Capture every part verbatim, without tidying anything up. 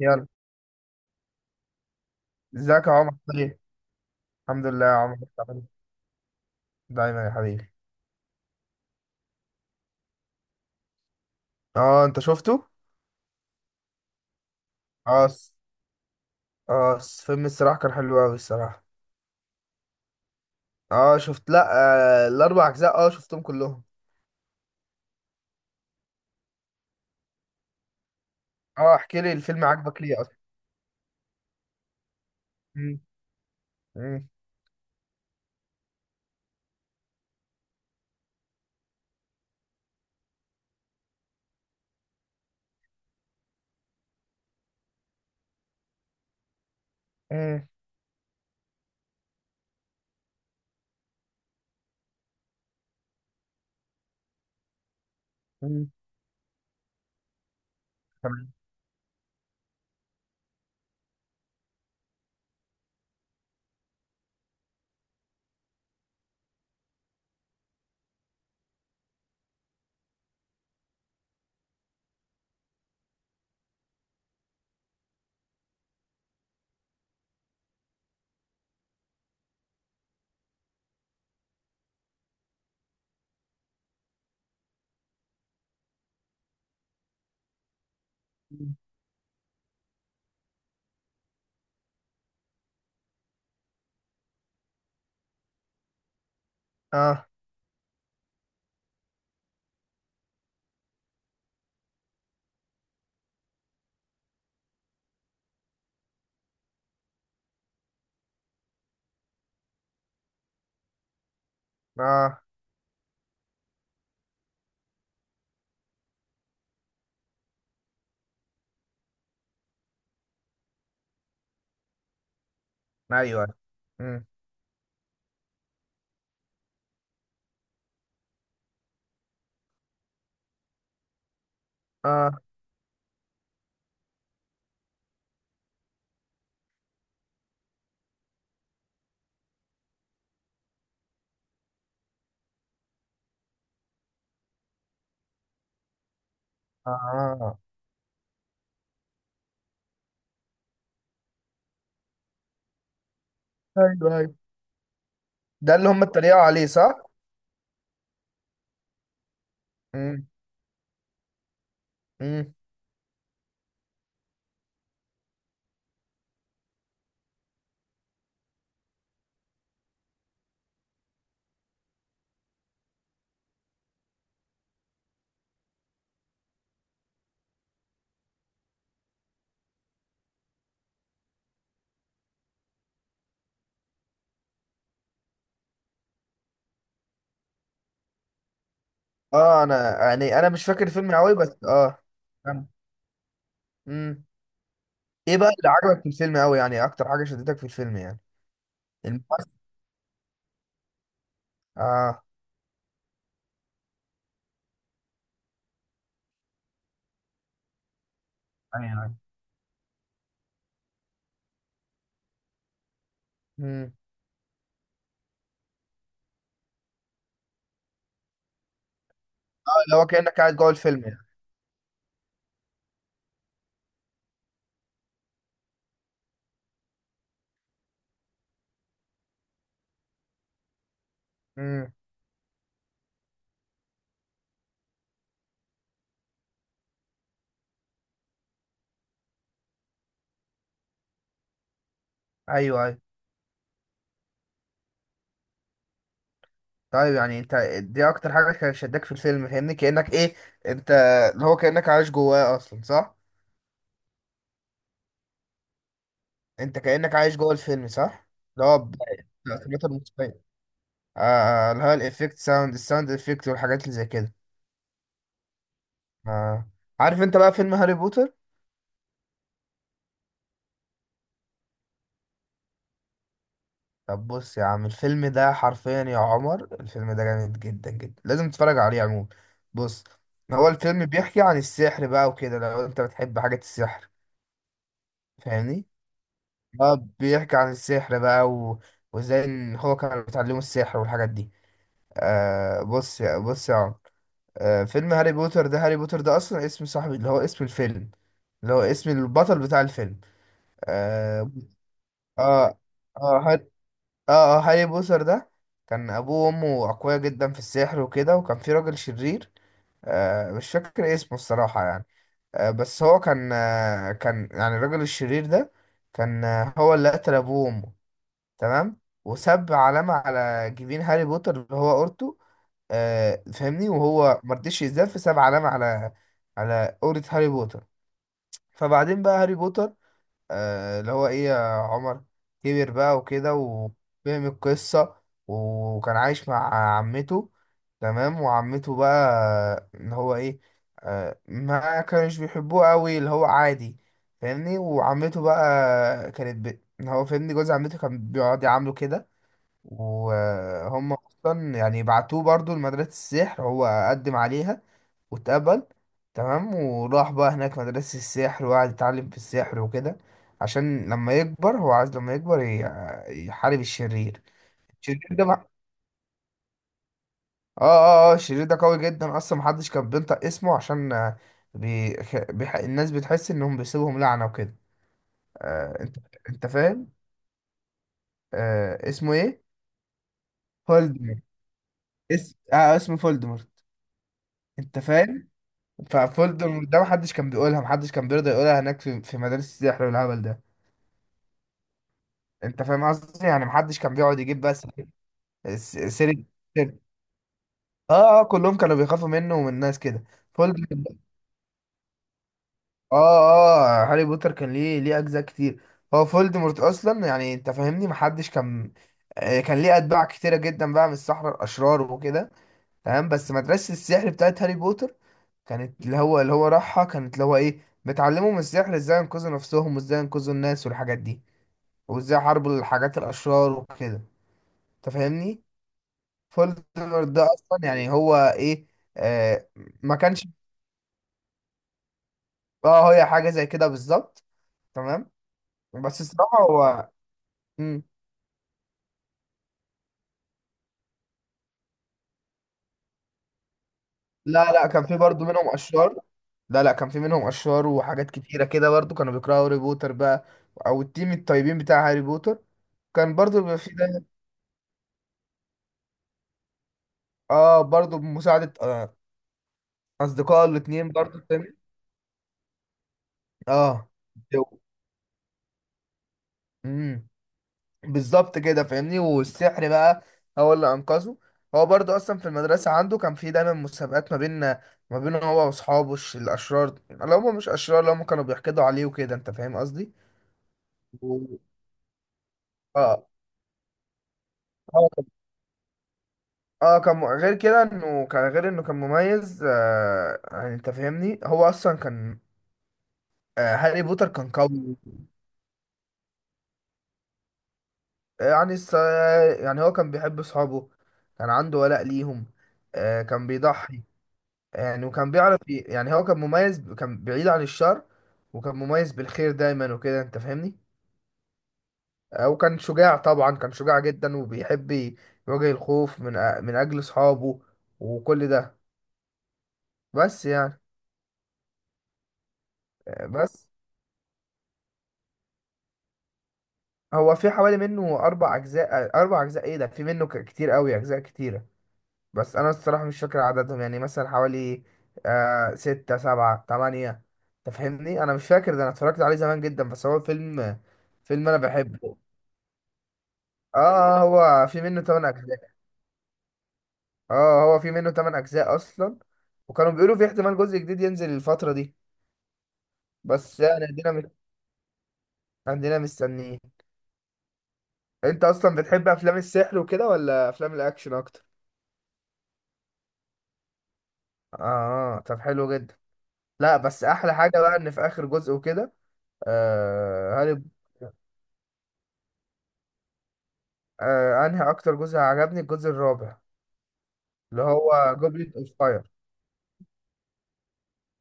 يلا، ازيك يا عمر؟ طيب الحمد لله يا عمر. بتعمل إيه؟ دايما يا حبيبي. اه انت شفته. اه س- اه س- فيلم الصراحه كان حلو قوي الصراحه. اه شفت، لا. آه الاربع اجزاء اه شفتهم كلهم. اه احكي لي، الفيلم عجبك ليه اصلا؟ مم، مم، مم، مم. تمام. اه اه ايوه. مم. اه اه ايوه ايوه، ده اللي هم اتريقوا عليه صح؟ مم، مم. اه انا يعني انا مش فاكر الفيلم قوي بس اه كمل. مم. ايه بقى اللي عجبك في الفيلم قوي؟ يعني اكتر حاجه شدتك في الفيلم يعني الممثل؟ اه. ايوه ايوه. امم. اه، اللي هو كانك قاعد جوه الفيلم يعني. امم. ايوه ايوه. طيب يعني انت، دي اكتر حاجه كانت شداك في الفيلم؟ فاهمني كانك ايه، انت، اللي هو كانك عايش جواه اصلا صح؟ انت كانك عايش جوه الفيلم صح؟ اللي هو ب- التأثيرات الموسيقيه. آه آه، اللي هو الافكت ساوند، الساوند افكت والحاجات اللي زي كده. آه، عارف انت بقى فيلم هاري بوتر؟ طب بص يا عم، الفيلم ده حرفيا يا عمر الفيلم ده جامد جدا جدا، لازم تتفرج عليه عموما. بص، هو الفيلم بيحكي عن السحر بقى وكده، لو انت بتحب حاجة السحر. فاهمني. اه بيحكي عن السحر بقى و... وازاي ان هو كان بيتعلموا السحر والحاجات دي. آه بص يا بص يا عمر، آه فيلم هاري بوتر ده، هاري بوتر ده اصلا اسم صاحبي، اللي هو اسم الفيلم، اللي هو اسم البطل بتاع الفيلم. اه اه, آه اه اه هاري بوتر ده كان ابوه وامه اقوياء جدا في السحر وكده، وكان في راجل شرير. آه مش فاكر اسمه الصراحة يعني. آه بس هو كان آه كان يعني الراجل الشرير ده، كان آه هو اللي قتل ابوه وامه. تمام، وساب علامة على جبين هاري بوتر اللي هو اورته. آه فاهمني، وهو مرضيش يزداد فساب علامة على، على قورة هاري بوتر. فبعدين بقى هاري بوتر، آه، اللي هو ايه يا عمر، كبر بقى وكده وفهم القصة، وكان عايش مع عمته. تمام، وعمته بقى ان هو ايه، آه، ما كانش بيحبوه قوي اللي هو عادي. فاهمني، وعمته بقى كانت ب... ان هو فاهمني، جوز عمته كان بيقعد يعامله كده، وهم اصلا يعني بعتوه برضو لمدرسة السحر، هو قدم عليها واتقبل. تمام، وراح بقى هناك مدرسة السحر وقعد يتعلم في السحر وكده، عشان لما يكبر هو عايز لما يكبر ي- يحارب الشرير، الشرير ده بقى. اه اه اه الشرير ده قوي جدا اصلا، محدش كان بينطق اسمه عشان آه، بي... بيح... الناس بتحس انهم بيسيبهم لعنة وكده. آه انت، انت فاهم. آه اسمه ايه؟ فولدمورت. اسم اه اسمه فولدمورت. انت فاهم. ففولدمورت ده محدش كان بيقولها، محدش كان بيرضى يقولها هناك في, في مدارس السحر والهبل ده. انت فاهم قصدي، يعني محدش كان بيقعد يجيب بس الس- سيرة، سيرة. اه اه كلهم كانوا بيخافوا منه ومن الناس كده. فولد، اه اه هاري بوتر كان ليه، ليه اجزاء كتير. هو فولدمورت اصلا يعني انت فاهمني، محدش كان، آه، كان ليه اتباع كتيرة جدا بقى من السحرة الاشرار وكده. تمام، بس مدرسة السحر بتاعت هاري بوتر كانت، اللي هو اللي هو راحها، كانت اللي هو ايه، بتعلمهم السحر ازاي ينقذوا نفسهم وازاي ينقذوا الناس والحاجات دي، وازاي يحاربوا الحاجات الاشرار وكده. انت فاهمني، فولدمورت ده اصلا يعني هو ايه. آه ما كانش، اه هي حاجه زي كده بالظبط. تمام، بس الصراحه هو مم. لا لا كان في برضو منهم اشرار. لا لا كان في منهم اشرار وحاجات كتيره كده، برضو كانوا بيكرهوا هاري بوتر بقى، او التيم الطيبين بتاع هاري بوتر. كان برضو بيبقى في ده، اه برضو بمساعده آه اصدقائه الاثنين برضو التاني. اه، امم، بالظبط كده فاهمني. والسحر بقى هو اللي انقذه. هو برضه اصلا في المدرسه عنده كان في دايما مسابقات ما بين ما بينه هو واصحابه الش- الاشرار، اللي هم مش اشرار اللي هم كانوا بيحقدوا عليه وكده، انت فاهم قصدي. و- اه اه كان، آه، كان م- غير كده انه كان غير انه كان مميز، آه يعني انت فاهمني، هو اصلا كان آه، هاري بوتر كان قوي. يعني الس- يعني هو كان بيحب اصحابه، كان عنده ولاء ليهم. آه كان بيضحي يعني، وكان بيعرف ي- يعني هو كان مميز، كان بعيد عن الشر، وكان مميز بالخير دايما وكده، انت فاهمني. آه، وكان شجاع طبعا، كان شجاع جدا وبيحب ي- يواجه الخوف من أ- من اجل اصحابه، وكل ده. بس يعني آه، بس هو في حوالي منه اربع اجزاء، آه اربع اجزاء، ايه ده في منه ك- كتير قوي اجزاء كتيرة. بس انا الصراحة مش فاكر عددهم يعني، مثلا حوالي آه ستة سبعة تمانية. تفهمني انا مش فاكر ده، انا اتفرجت عليه زمان جدا، بس هو فيلم، فيلم انا بحبه. اه آه، هو في منه تمن اجزاء، اه هو في منه تمن اجزاء اصلا. وكانوا بيقولوا في احتمال جزء جديد ينزل الفترة دي. بس يعني عندنا مت... عندنا مستنيين. انت اصلا بتحب افلام السحر وكده ولا افلام الاكشن اكتر؟ اه آه، طب حلو جدا. لا بس احلى حاجة بقى ان في اخر جزء وكده، آه هاري، آه انهي اكتر جزء عجبني؟ الجزء الرابع، اللي هو جوبليت اوف فاير.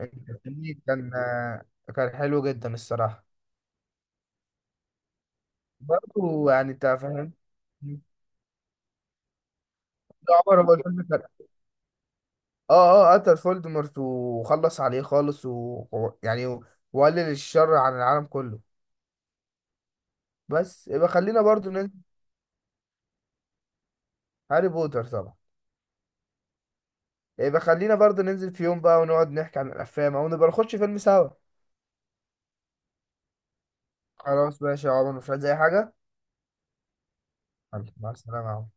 انت فاهمني؟ كان آه، كان حلو جدا الصراحة. برضه يعني انت فاهم عمر، هو الفيلم كان اه اه قتل فولدمورت وخلص عليه خالص و... و- يعني و- وقلل الشر عن العالم كله. بس يبقى خلينا برضو ننزل. هاري بوتر طبعا. يبقى خلينا برضو ننزل في يوم بقى ونقعد نحكي عن الافلام او نبقى نخش فيلم سوا. خلاص ماشي يا عمر، مش عايز اي حاجه؟ حبيبي، مع السلامه يا عمر.